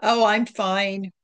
Oh, I'm fine.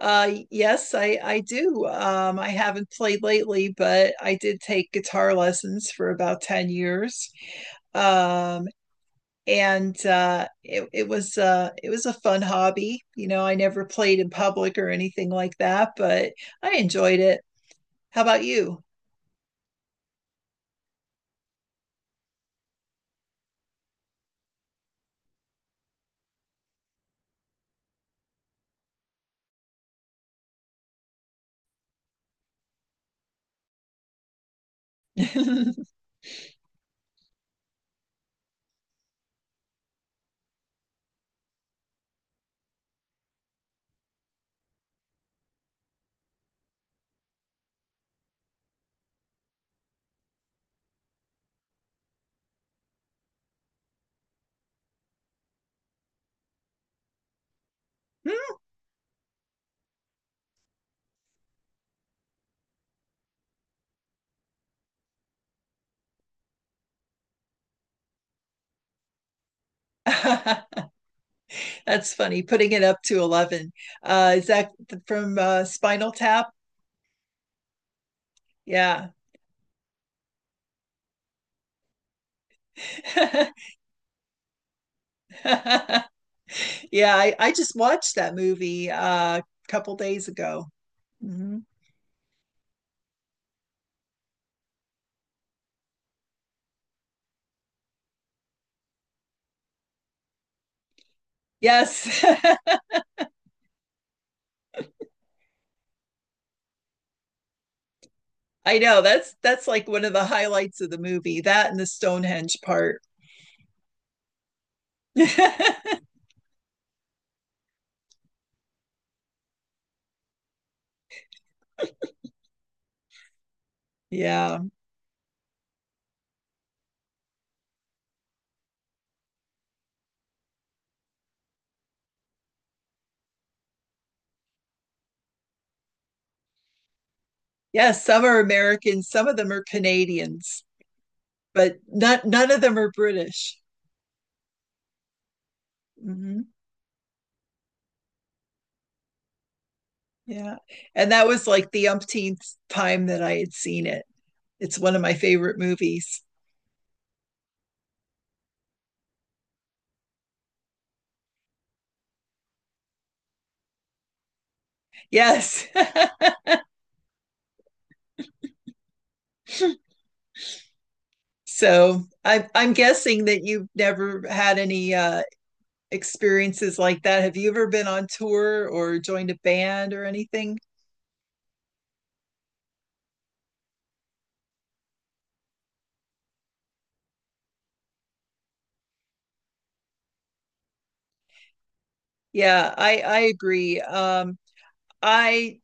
Yes, I do. I haven't played lately, but I did take guitar lessons for about 10 years. Um, and it was a fun hobby. You know, I never played in public or anything like that, but I enjoyed it. How about you? That's funny, putting it up to 11. Is that from Spinal Tap? Yeah. Yeah, I just watched that movie a couple days ago. Hmm. Yes. I know. That's like one of the highlights of the movie. That and the Stonehenge part. Yeah. Yeah, some are Americans, some of them are Canadians, but not none of them are British. Hmm. Yeah. And that was like the umpteenth time that I had seen it. It's one of my favorite movies. Yes. So I'm guessing that you've never had any experiences like that. Have you ever been on tour or joined a band or anything? Yeah, I agree. I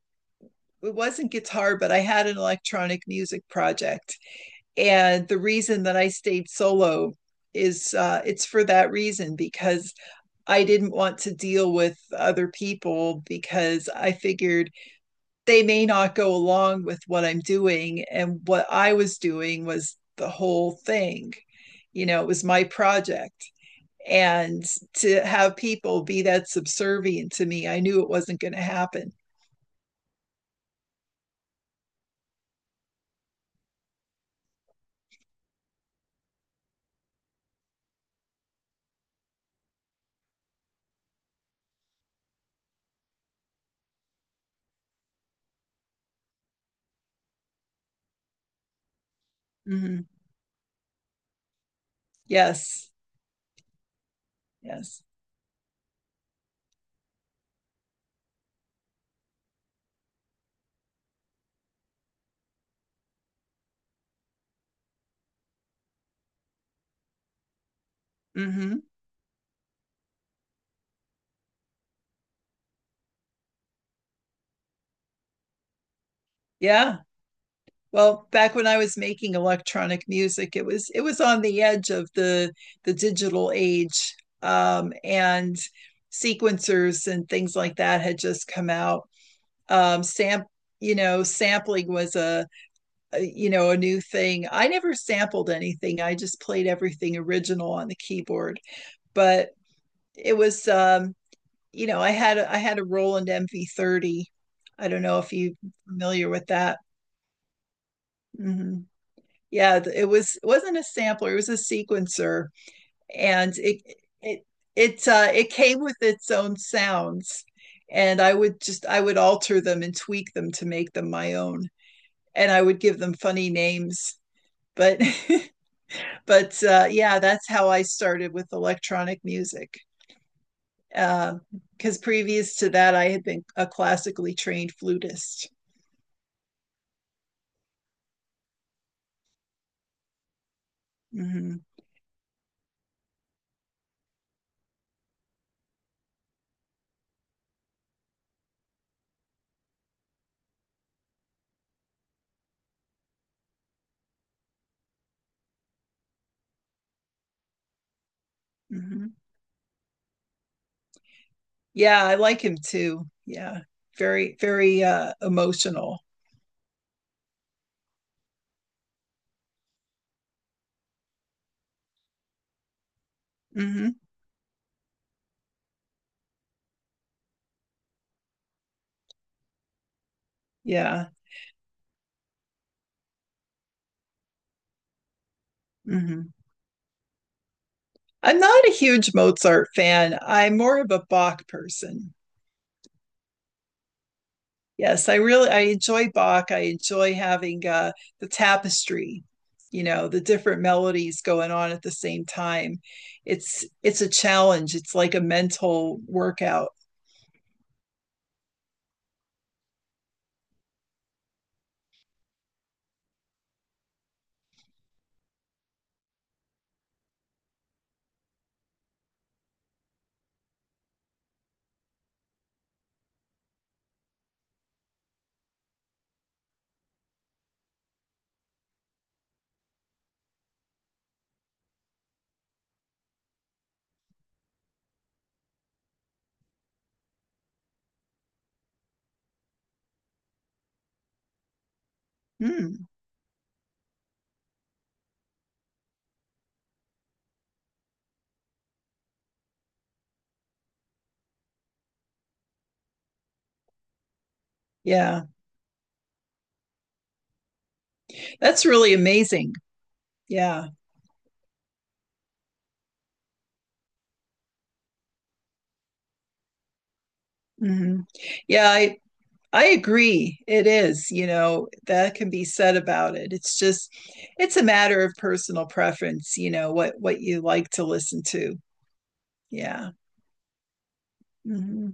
It wasn't guitar, but I had an electronic music project, and the reason that I stayed solo is it's for that reason because I didn't want to deal with other people because I figured they may not go along with what I'm doing, and what I was doing was the whole thing. You know, it was my project. And to have people be that subservient to me, I knew it wasn't going to happen. Hmm. Yes, yes. Hmm. Yeah. Well, back when I was making electronic music, it was on the edge of the digital age, and sequencers and things like that had just come out. Um, sam, you know, sampling was a you know, a new thing. I never sampled anything. I just played everything original on the keyboard. But it was, you know, I had a Roland MV30. I don't know if you're familiar with that. Hmm. Yeah, it was it wasn't a sampler. It was a sequencer, and it it came with its own sounds. And I would alter them and tweak them to make them my own. And I would give them funny names, but but yeah, that's how I started with electronic music. Because previous to that, I had been a classically trained flutist. Hmm. Hmm. Yeah, I like him too. Yeah, very, very emotional. Hmm. Yeah. Hmm. I'm not a huge Mozart fan. I'm more of a Bach person. Yes, I enjoy Bach. I enjoy having the tapestry, you know, the different melodies going on at the same time. It's a challenge. It's like a mental workout. Hmm. Yeah, that's really amazing. Yeah. Hmm. Yeah, I agree. It is, you know, that can be said about it. It's just it's a matter of personal preference, you know, what you like to listen to. Yeah. Hmm.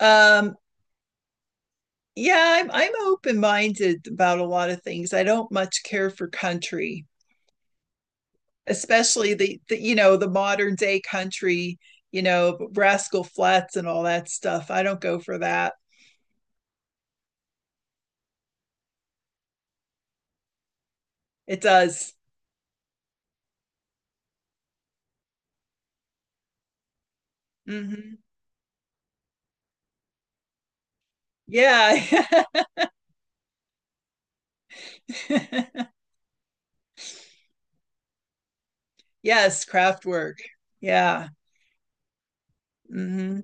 Um yeah, I'm open-minded about a lot of things. I don't much care for country, especially the modern day country, you know, Rascal Flatts and all that stuff. I don't go for that. It does. Hmm. Yeah. Yes, craft work. Yeah. Hmm.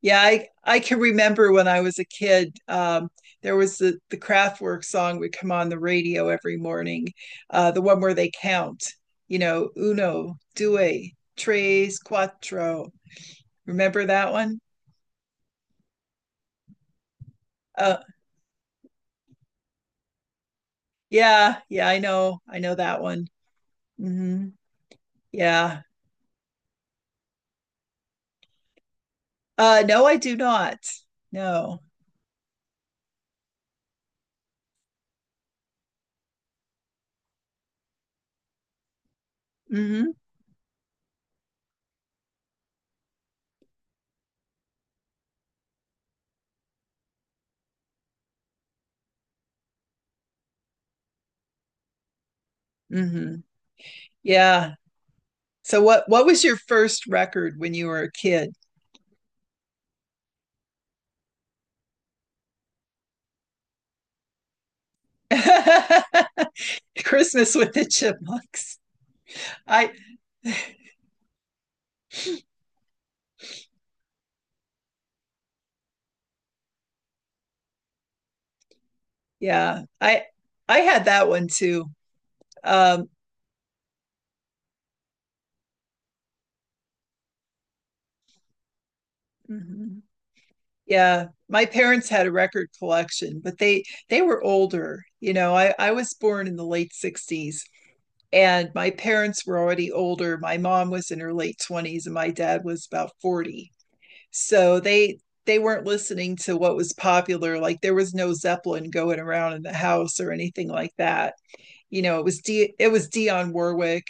Yeah, I can remember when I was a kid, there was the Kraftwerk song would come on the radio every morning, the one where they count, you know, uno, due, tres, cuatro. Remember that one? Uh, yeah, yeah, I know that one. Hmm. Yeah. No, I do not. No. Hmm. Hmm. Yeah. So what was your first record when you were a kid? Christmas with the chipmunks. I Yeah, I had that one too. Um. Mhm. Yeah, my parents had a record collection, but they were older. You know, I was born in the late 60s and my parents were already older. My mom was in her late 20s and my dad was about 40. So they weren't listening to what was popular. Like there was no Zeppelin going around in the house or anything like that. You know, it was Dion Warwick,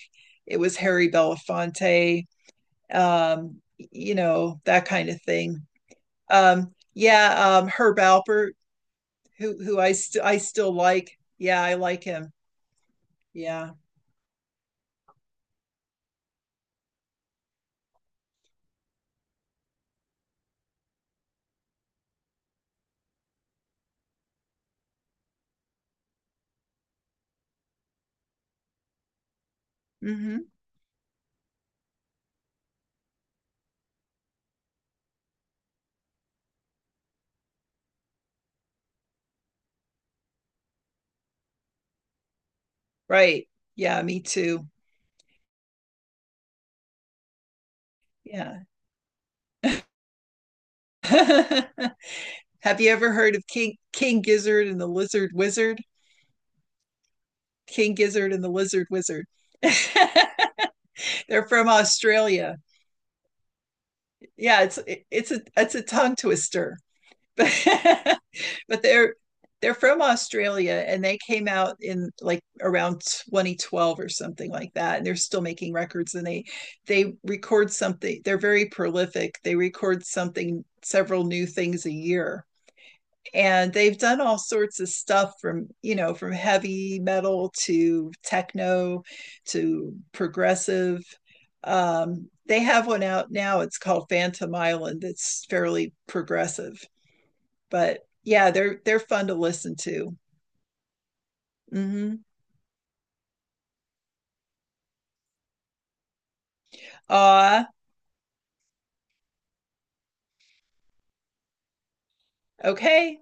it was Harry Belafonte, um, you know, that kind of thing. Yeah, Herb Alpert, I still like. Yeah, I like him. Yeah. Mm-hmm. Right. Yeah, me too. Yeah. Have you ever heard of King Gizzard and the Lizard Wizard? King Gizzard and the Lizard Wizard. They're from Australia. Yeah, it's a tongue twister. But they're from Australia and they came out in like around 2012 or something like that, and they're still making records, and they record something, they're very prolific, they record something several new things a year, and they've done all sorts of stuff, from you know, from heavy metal to techno to progressive. They have one out now, it's called Phantom Island. It's fairly progressive, but yeah, they're fun to listen to. Mm-hmm. Uh, okay.